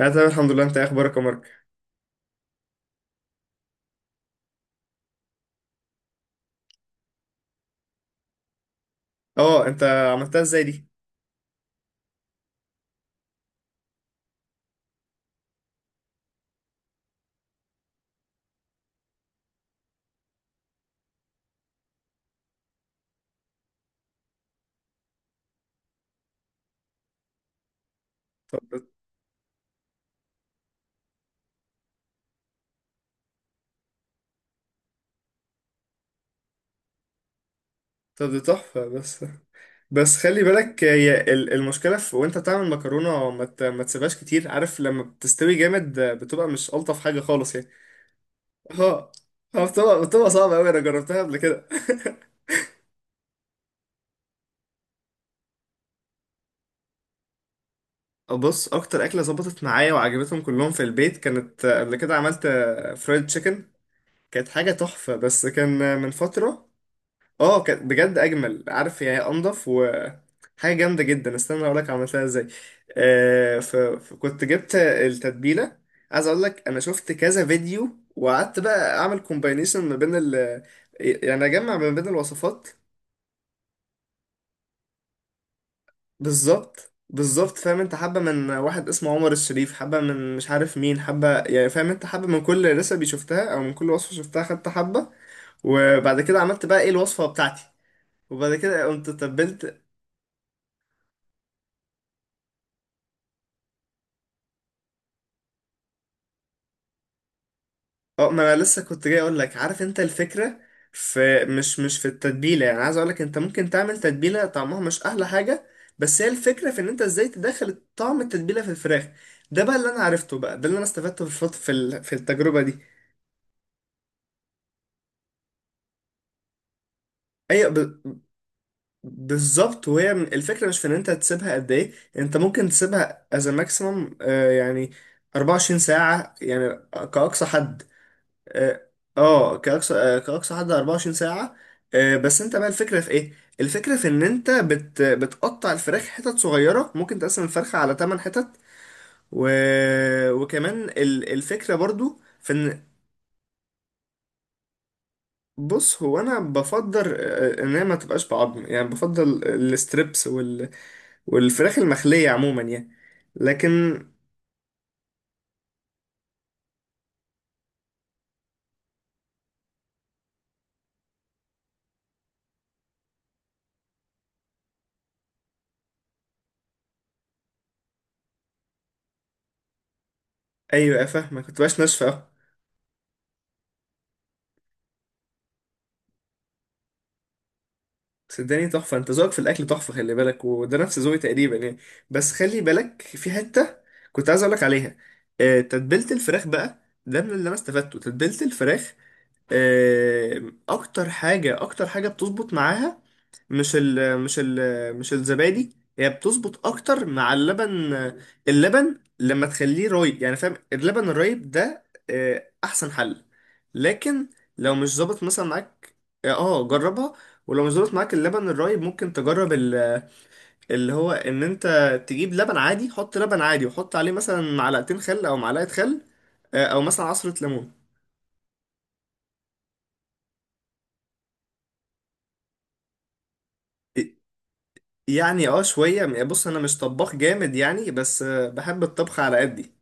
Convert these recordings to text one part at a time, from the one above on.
انا تمام الحمد لله. انت إيه اخبارك يا مارك؟ اه، انت عملتها ازاي دي؟ طب دي تحفه. بس بس خلي بالك، هي المشكله في وانت بتعمل مكرونه ما تسيبهاش كتير. عارف لما بتستوي جامد بتبقى مش الطف حاجه خالص يعني. اه. بتبقى صعبه قوي، انا جربتها قبل كده. بص، اكتر اكله ظبطت معايا وعجبتهم كلهم في البيت كانت، قبل كده عملت فرايد تشيكن. كانت حاجه تحفه، بس كان من فتره. اه كانت بجد اجمل، عارف يعني إيه؟ انضف حاجة جامدة جدا. استنى اقول لك عملتها ازاي. فكنت جبت التتبيلة. عايز اقول لك، انا شفت كذا فيديو وقعدت بقى اعمل كومباينيشن ما بين ال، يعني اجمع ما بين الوصفات. بالظبط بالظبط، فاهم انت؟ حبة من واحد اسمه عمر الشريف، حبة من مش عارف مين، حبة يعني، فاهم انت؟ حبة من كل ريسبي شفتها او من كل وصفة شفتها خدت حبة. وبعد كده عملت بقى ايه الوصفة بتاعتي. وبعد كده قمت تبلت. اه، ما انا لسه كنت جاي اقول لك. عارف انت الفكره؟ في مش في التتبيله، يعني عايز اقول لك انت ممكن تعمل تتبيله طعمها مش احلى حاجه، بس هي الفكره في ان انت ازاي تدخل طعم التتبيله في الفراخ. ده بقى اللي انا عرفته، بقى ده اللي انا استفدته في في في التجربه دي. ايوه، بالظبط. وهي الفكره مش في ان انت تسيبها قد ايه، انت ممكن تسيبها از ماكسيمم يعني 24 ساعه يعني، كاقصى حد. اه. كأقصى كأقصى حد 24 ساعة. بس انت بقى الفكرة في ايه؟ الفكرة في ان انت بتقطع الفراخ حتت صغيرة، ممكن تقسم الفرخة على 8 حتت و... وكمان الفكرة برضو في ان، بص هو انا بفضل ان هي ما تبقاش بعظم، يعني بفضل الستريبس والفراخ المخلية عموما يعني. لكن. ايوه فاهمة، ما تبقاش ناشفة. صدقني تحفة، انت ذوقك في الأكل تحفة. خلي بالك، وده نفس ذوقي تقريبا يعني. بس خلي بالك في حتة كنت عايز أقولك عليها. تتبيلة الفراخ بقى، ده من اللي أنا استفدته، تتبيلة الفراخ أكتر حاجة بتظبط معاها، مش ال مش ال مش الزبادي. هي بتظبط اكتر مع اللبن، اللبن لما تخليه رايب، يعني فاهم؟ اللبن الرايب ده احسن حل. لكن لو مش ظابط مثلا معاك. اه، جربها. ولو مش ظابط معاك اللبن الرايب، ممكن تجرب اللي هو ان انت تجيب لبن عادي، حط لبن عادي وحط عليه مثلا معلقتين خل او معلقة خل، او مثلا عصرة ليمون. يعني اه شوية، بص انا مش طباخ جامد يعني، بس بحب الطبخ على قدي.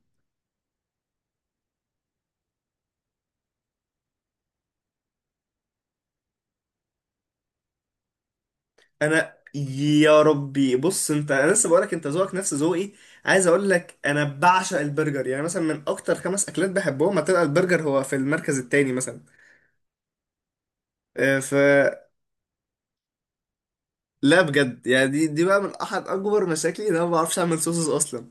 انا يا ربي، بص انت، انا لسه بقولك انت ذوقك نفس ذوقي. عايز اقول لك انا بعشق البرجر، يعني مثلا من اكتر خمس اكلات بحبهم هتبقى البرجر، هو في المركز التاني مثلا. آه، ف لا بجد يعني، دي بقى من احد اكبر مشاكلي، ان انا ما بعرفش اعمل صوصز اصلا.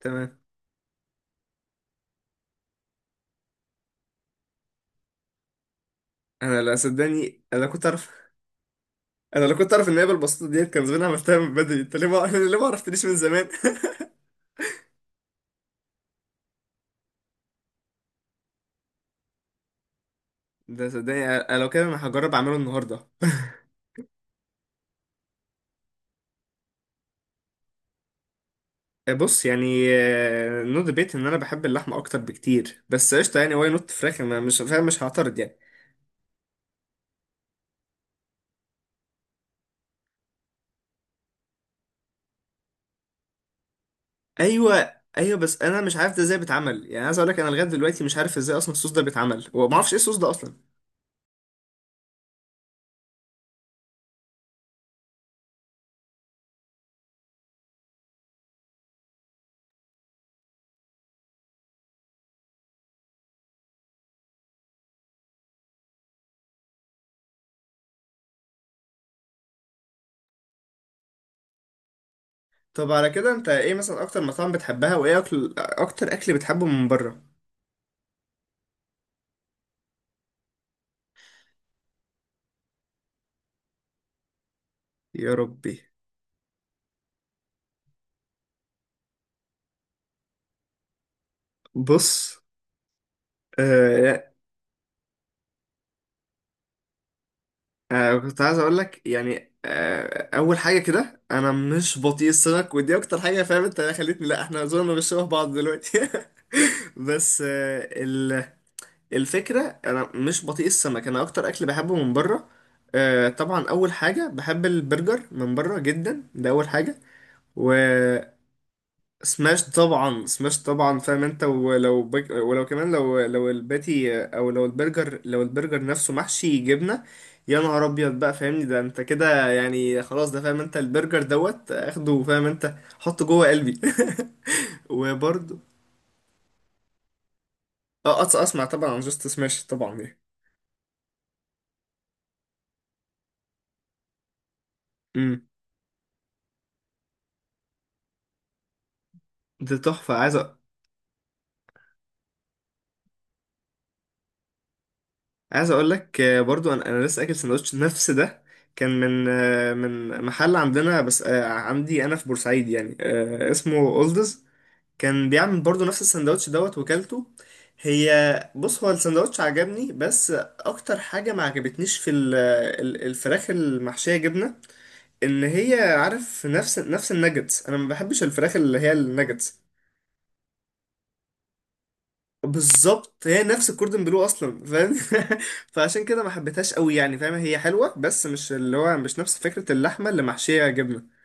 تمام. انا لا صدقني، انا كنت اعرف. انا لو كنت اعرف ان هي بالبساطه ديت كان زمان عملتها من بدري. انت ليه ما ليه ما عرفتنيش من زمان؟ ده صدقني انا، لو كده انا هجرب اعمله النهارده. بص يعني، نو ديبيت ان انا بحب اللحمه اكتر بكتير، بس قشطه يعني، واي نوت فراخ؟ انا مش فاهم، مش هعترض يعني. ايوه ايوه، بس انا مش عارف ده ازاي بيتعمل، يعني عايز اقول لك انا لغايه دلوقتي مش عارف ازاي اصلا الصوص ده بيتعمل، وما اعرفش ايه الصوص ده اصلا. طب على كده انت ايه مثلا اكتر مطاعم بتحبها، وايه اكل اكتر اكل بتحبه من بره؟ يا ربي. بص آه كنت عايز اقول لك يعني، آه اول حاجه كده انا مش بطيء السمك، ودي اكتر حاجه فاهم انت خلتني، لا احنا زورنا مش شبه بعض دلوقتي. بس آه الفكره انا مش بطيء السمك، انا اكتر اكل بحبه من بره آه طبعا اول حاجه بحب البرجر من بره جدا، ده اول حاجه. سماش طبعا، سماش طبعا، فاهم انت؟ ولو كمان، لو الباتي او لو البرجر، لو البرجر نفسه محشي جبنه، يا نهار ابيض بقى فاهمني؟ ده انت كده يعني خلاص، ده فاهم انت؟ البرجر دوت اخده، فاهم انت؟ حطه جوه قلبي. وبرضه اه اسمع، طبعا عن جاست سماش طبعا يعني. امم. ده تحفه. عايز اقول لك برضو، انا لسه اكل سندوتش نفس ده. كان من من محل عندنا بس عندي انا في بورسعيد يعني، اسمه اولدز. كان بيعمل برضو نفس السندوتش دوت، وكلته. هي، بص هو السندوتش عجبني. بس اكتر حاجة ما عجبتنيش في الفراخ المحشية جبنة، ان هي عارف، نفس الناجتس. انا ما بحبش الفراخ اللي هي الناجتس. بالظبط، هي نفس الكوردن بلو اصلا، فاهم؟ فعشان كده ما حبيتهاش قوي يعني، فاهم؟ هي حلوة بس مش اللي هو، مش نفس فكرة اللحمة اللي محشية جبنة.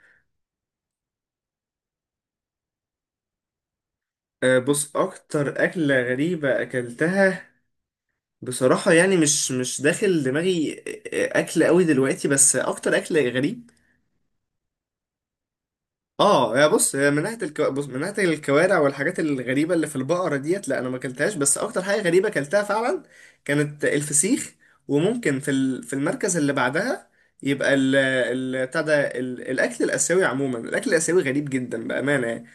أه، بص اكتر اكلة غريبة اكلتها، بصراحة يعني مش مش داخل دماغي أكل قوي دلوقتي، بس أكتر أكل غريب. اه يا بص، هي من ناحية بص من ناحية الكوارع والحاجات الغريبة اللي في البقرة ديت، لا أنا ما أكلتهاش. بس أكتر حاجة غريبة أكلتها فعلا كانت الفسيخ. وممكن في في المركز اللي بعدها يبقى ال... ال... بتاع ده ال... الأكل الآسيوي عموما، الأكل الآسيوي غريب جدا بأمانة يعني.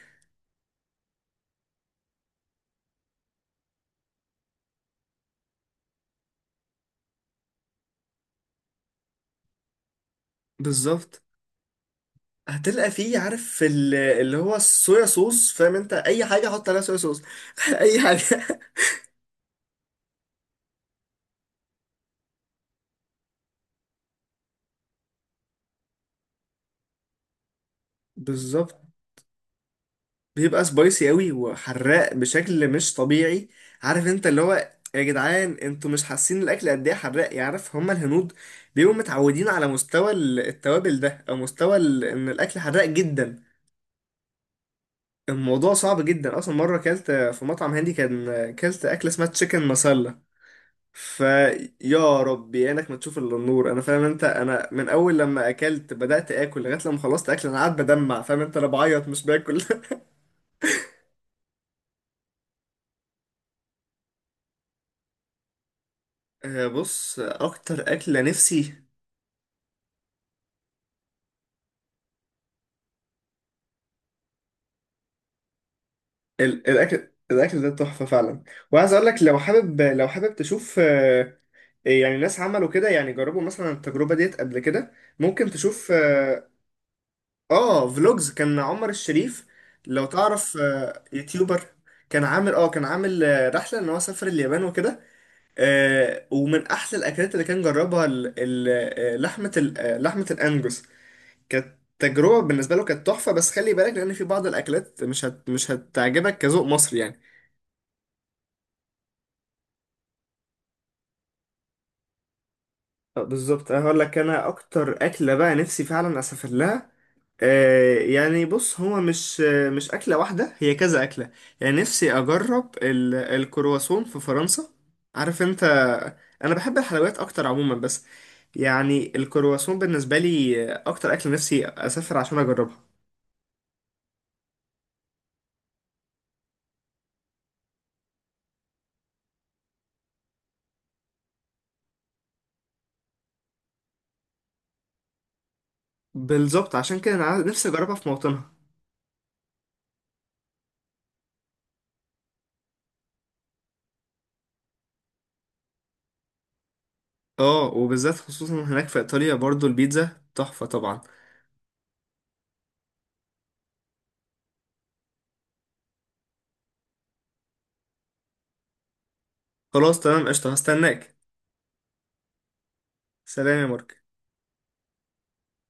بالظبط، هتلقى فيه، عارف اللي هو الصويا صوص. فاهم انت؟ اي حاجه حط عليها صويا صوص. اي حاجه. بالظبط. بيبقى سبايسي قوي وحراق بشكل مش طبيعي. عارف انت اللي هو، يا جدعان انتوا مش حاسين الاكل قد ايه حراق، يعرف هما الهنود بيبقوا متعودين على مستوى التوابل ده، او مستوى ان الاكل حراق جدا. الموضوع صعب جدا اصلا. مره كلت في مطعم هندي كان، كلت اكله اسمها تشيكن مسله، فيا ربي عينك ما تشوف الا النور. انا فاهم انت؟ انا من اول لما اكلت بدات اكل لغايه لما خلصت اكل انا قاعد بدمع، فاهم انت؟ انا بعيط مش باكل. بص اكتر اكله نفسي، الاكل ده تحفه فعلا. وعايز اقول لك لو حابب، لو حابب تشوف يعني ناس عملوا كده، يعني جربوا مثلا التجربه ديت قبل كده، ممكن تشوف. اه فلوجز، كان عمر الشريف لو تعرف، يوتيوبر. كان عامل رحله ان هو سافر اليابان وكده. ومن احلى الاكلات اللي كان جربها لحمه الانجوس، كانت تجربه بالنسبه له، كانت تحفه. بس خلي بالك، لان في بعض الاكلات مش هتعجبك كذوق مصري يعني. بالظبط، انا هقول لك، انا اكتر اكله بقى نفسي فعلا اسافر لها. آه يعني بص، هو مش مش اكله واحده، هي كذا اكله. يعني نفسي اجرب الكرواسون في فرنسا. عارف انت؟ انا بحب الحلويات اكتر عموما، بس يعني الكرواسون بالنسبه لي اكتر اكله نفسي اسافر عشان اجربها. بالظبط، عشان كده انا نفسي اجربها في موطنها. اه، وبالذات خصوصا هناك في ايطاليا برضو، البيتزا تحفه طبعا. خلاص تمام قشطه، هستناك. سلام يا مارك.